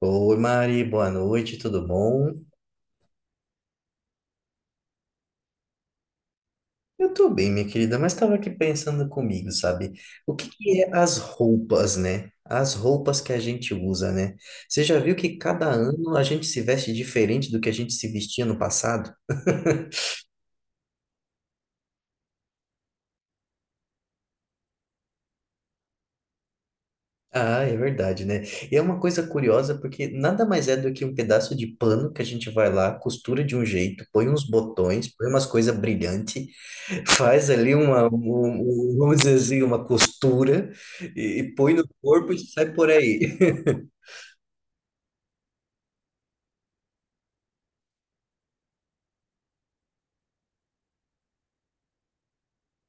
Oi, Mari, boa noite, tudo bom? Eu tô bem, minha querida, mas estava aqui pensando comigo, sabe? O que que é as roupas, né? As roupas que a gente usa, né? Você já viu que cada ano a gente se veste diferente do que a gente se vestia no passado? Ah, é verdade, né? E é uma coisa curiosa porque nada mais é do que um pedaço de pano que a gente vai lá, costura de um jeito, põe uns botões, põe umas coisas brilhantes. Faz ali vamos dizer assim, uma costura e põe no corpo e sai por aí.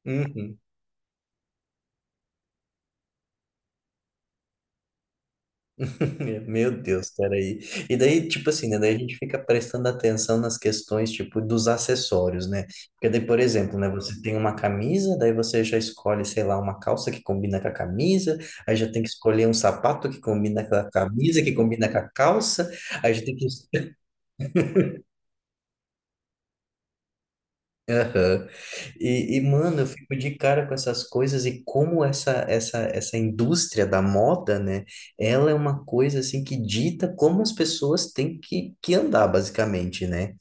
Uhum. Meu Deus, peraí. E daí, tipo assim, né? Daí a gente fica prestando atenção nas questões, tipo, dos acessórios, né? Porque daí, por exemplo, né? Você tem uma camisa, daí você já escolhe, sei lá, uma calça que combina com a camisa, aí já tem que escolher um sapato que combina com a camisa, que combina com a calça, aí já tem que... Aham. Mano, eu fico de cara com essas coisas e como essa indústria da moda, né? Ela é uma coisa assim que dita como as pessoas têm que andar, basicamente, né?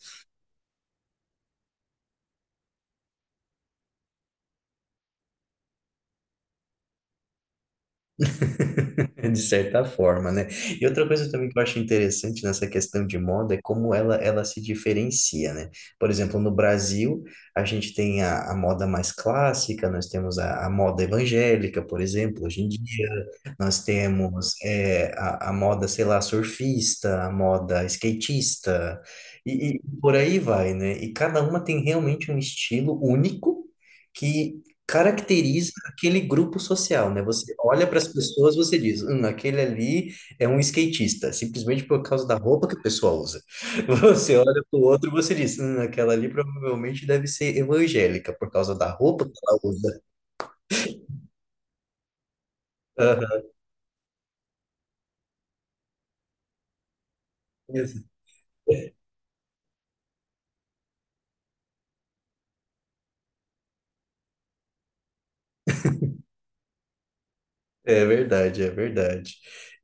De certa forma, né? E outra coisa também que eu acho interessante nessa questão de moda é como ela se diferencia, né? Por exemplo, no Brasil, a gente tem a moda mais clássica, nós temos a moda evangélica, por exemplo, hoje em dia, nós temos a moda, sei lá, surfista, a moda skatista, e por aí vai, né? E cada uma tem realmente um estilo único. Que, caracteriza aquele grupo social, né? Você olha para as pessoas, você diz, aquele ali é um skatista, simplesmente por causa da roupa que o pessoal usa. Você olha para o outro, você diz, aquela ali provavelmente deve ser evangélica por causa da roupa que ela usa. Aham. Isso. É verdade, é verdade.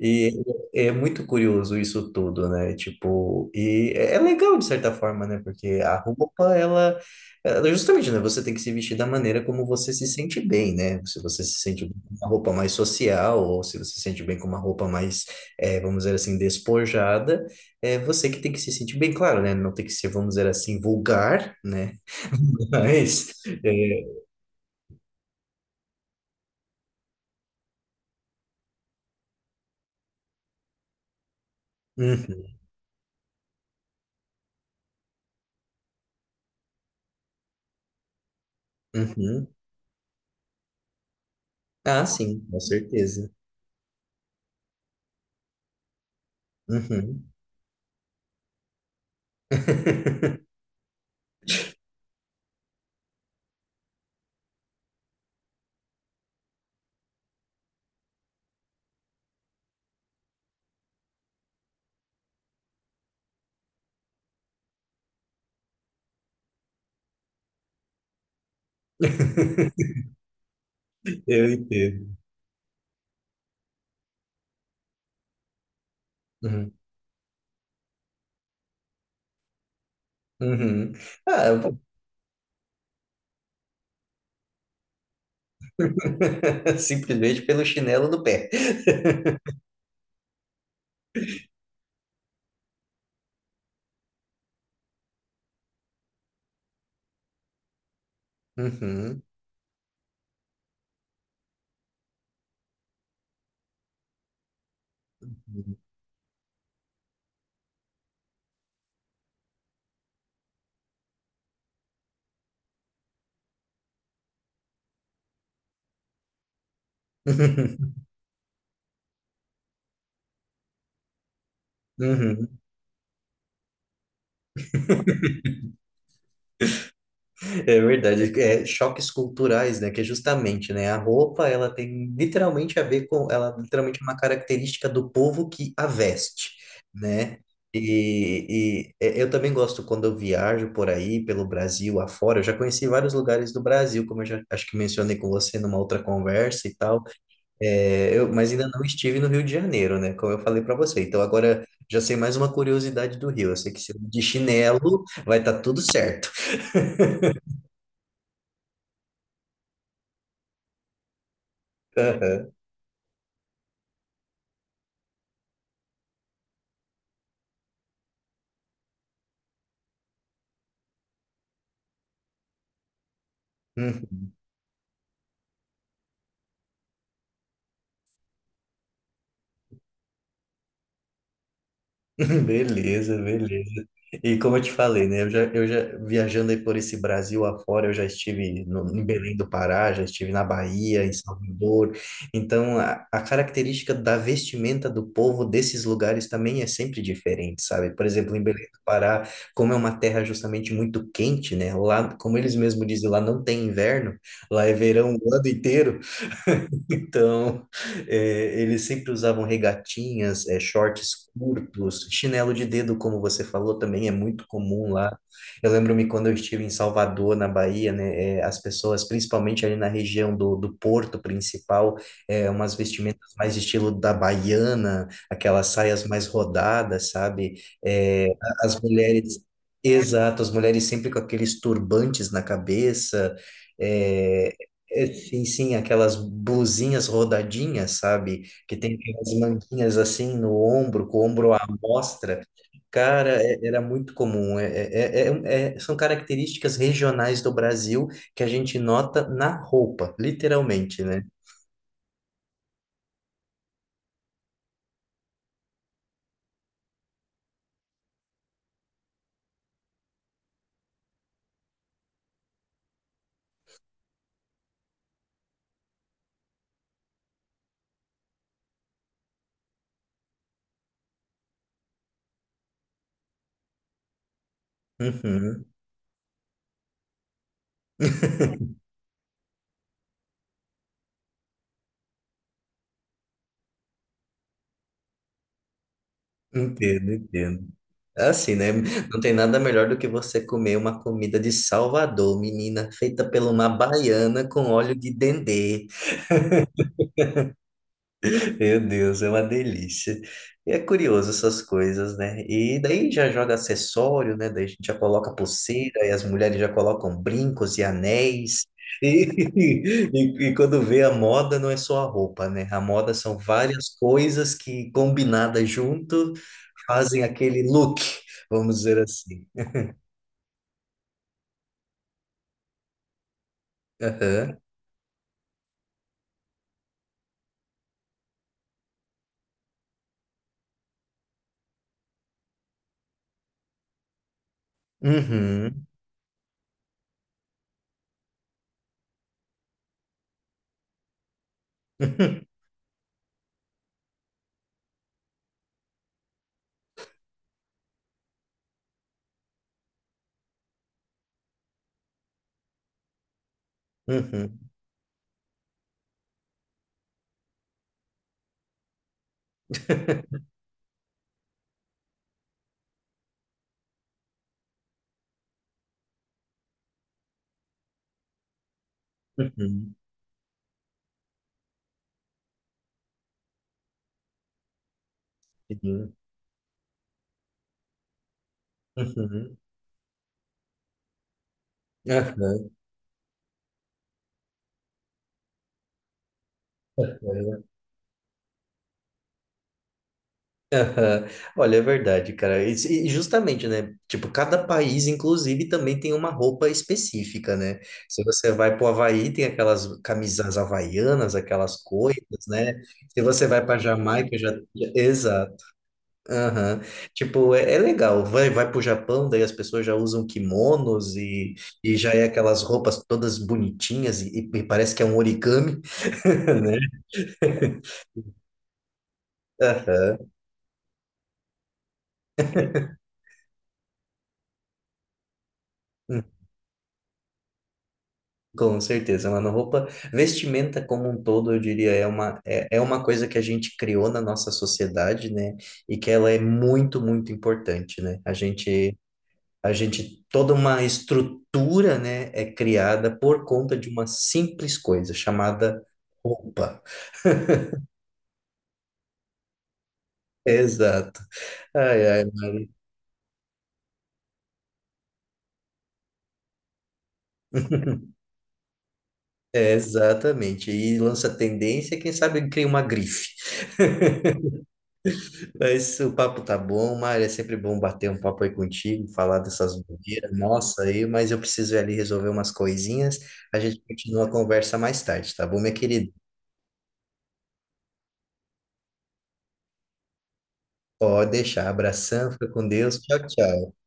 E é muito curioso isso tudo, né? Tipo, e é legal de certa forma, né? Porque a roupa, ela- justamente, né? Você tem que se vestir da maneira como você se sente bem, né? Se você se sente bem com uma roupa mais social, ou se você se sente bem com uma roupa mais, vamos dizer assim, despojada, é você que tem que se sentir bem, claro, né? Não tem que ser, vamos dizer assim, vulgar, né? Mas, é, uhum, uhum. Ah, sim, com certeza. Uhum. Eu entendo. Uhum. Uhum. Ah, eu- simplesmente pelo chinelo no pé. Uhum. Uhum. Uhum. É verdade, é choques culturais, né? Que é justamente, né? A roupa, ela tem literalmente a ver com, ela literalmente é uma característica do povo que a veste, né? Eu também gosto quando eu viajo por aí, pelo Brasil afora. Eu já conheci vários lugares do Brasil, como eu já acho que mencionei com você numa outra conversa e tal. É, eu, mas ainda não estive no Rio de Janeiro, né? Como eu falei para você. Então agora já sei mais uma curiosidade do Rio. Eu sei que se eu ir de chinelo vai estar tudo certo. Hum, beleza, beleza. E como eu te falei, né? Eu já viajando aí por esse Brasil afora, eu já estive no, em Belém do Pará, já estive na Bahia, em Salvador. Então, a característica da vestimenta do povo desses lugares também é sempre diferente, sabe? Por exemplo, em Belém do Pará, como é uma terra justamente muito quente, né? Lá, como eles mesmos dizem, lá não tem inverno, lá é verão o ano inteiro. Então, é, eles sempre usavam regatinhas, é, shorts curtos, chinelo de dedo, como você falou, também é muito comum lá. Eu lembro-me quando eu estive em Salvador, na Bahia, né, é, as pessoas, principalmente ali na região do Porto principal, é, umas vestimentas mais estilo da baiana, aquelas saias mais rodadas, sabe? É, a- as mulheres. Exato, as mulheres sempre com aqueles turbantes na cabeça. eh, Sim, sim, aquelas blusinhas rodadinhas, sabe? Que tem aquelas manguinhas assim no ombro, com o ombro à mostra. Cara, era muito comum. São características regionais do Brasil que a gente nota na roupa, literalmente, né? Uhum, entendo, entendo. É assim, né? Não tem nada melhor do que você comer uma comida de Salvador, menina, feita por uma baiana com óleo de dendê. Meu Deus, é uma delícia. E é curioso essas coisas, né? E daí já joga acessório, né? Daí a gente já coloca pulseira e as mulheres já colocam brincos e anéis. E, e quando vê a moda, não é só a roupa, né? A moda são várias coisas que combinadas junto fazem aquele look, vamos dizer assim. Aham. Uhum. Uhum. Uhum. Uhum. Uhum. Uhum. Aham. Olha, é verdade, cara. E se- e justamente, né? Tipo, cada país, inclusive, também tem uma roupa específica, né? Se você vai pro Havaí, tem aquelas camisas havaianas, aquelas coisas, né? Se você vai para Jamaica, já... já- exato. Aham. Tipo, é, é legal. Vai pro Japão, daí as pessoas já usam kimonos e já é aquelas roupas todas bonitinhas e parece que é um origami, né? Aham. Com certeza, mano. Roupa, vestimenta como um todo, eu diria, é uma, é, é uma coisa que a gente criou na nossa sociedade, né? E que ela é muito importante, né? A gente, toda uma estrutura, né, é criada por conta de uma simples coisa chamada roupa. Exato. Ai, ai, Mari. É, exatamente. E lança tendência, quem sabe cria uma grife. É isso, o papo tá bom, Mário. É sempre bom bater um papo aí contigo, falar dessas bobeiras, nossa, aí, mas eu preciso ir ali resolver umas coisinhas. A gente continua a conversa mais tarde, tá bom, minha querida? Pode deixar. Abração, fica com Deus. Tchau, tchau.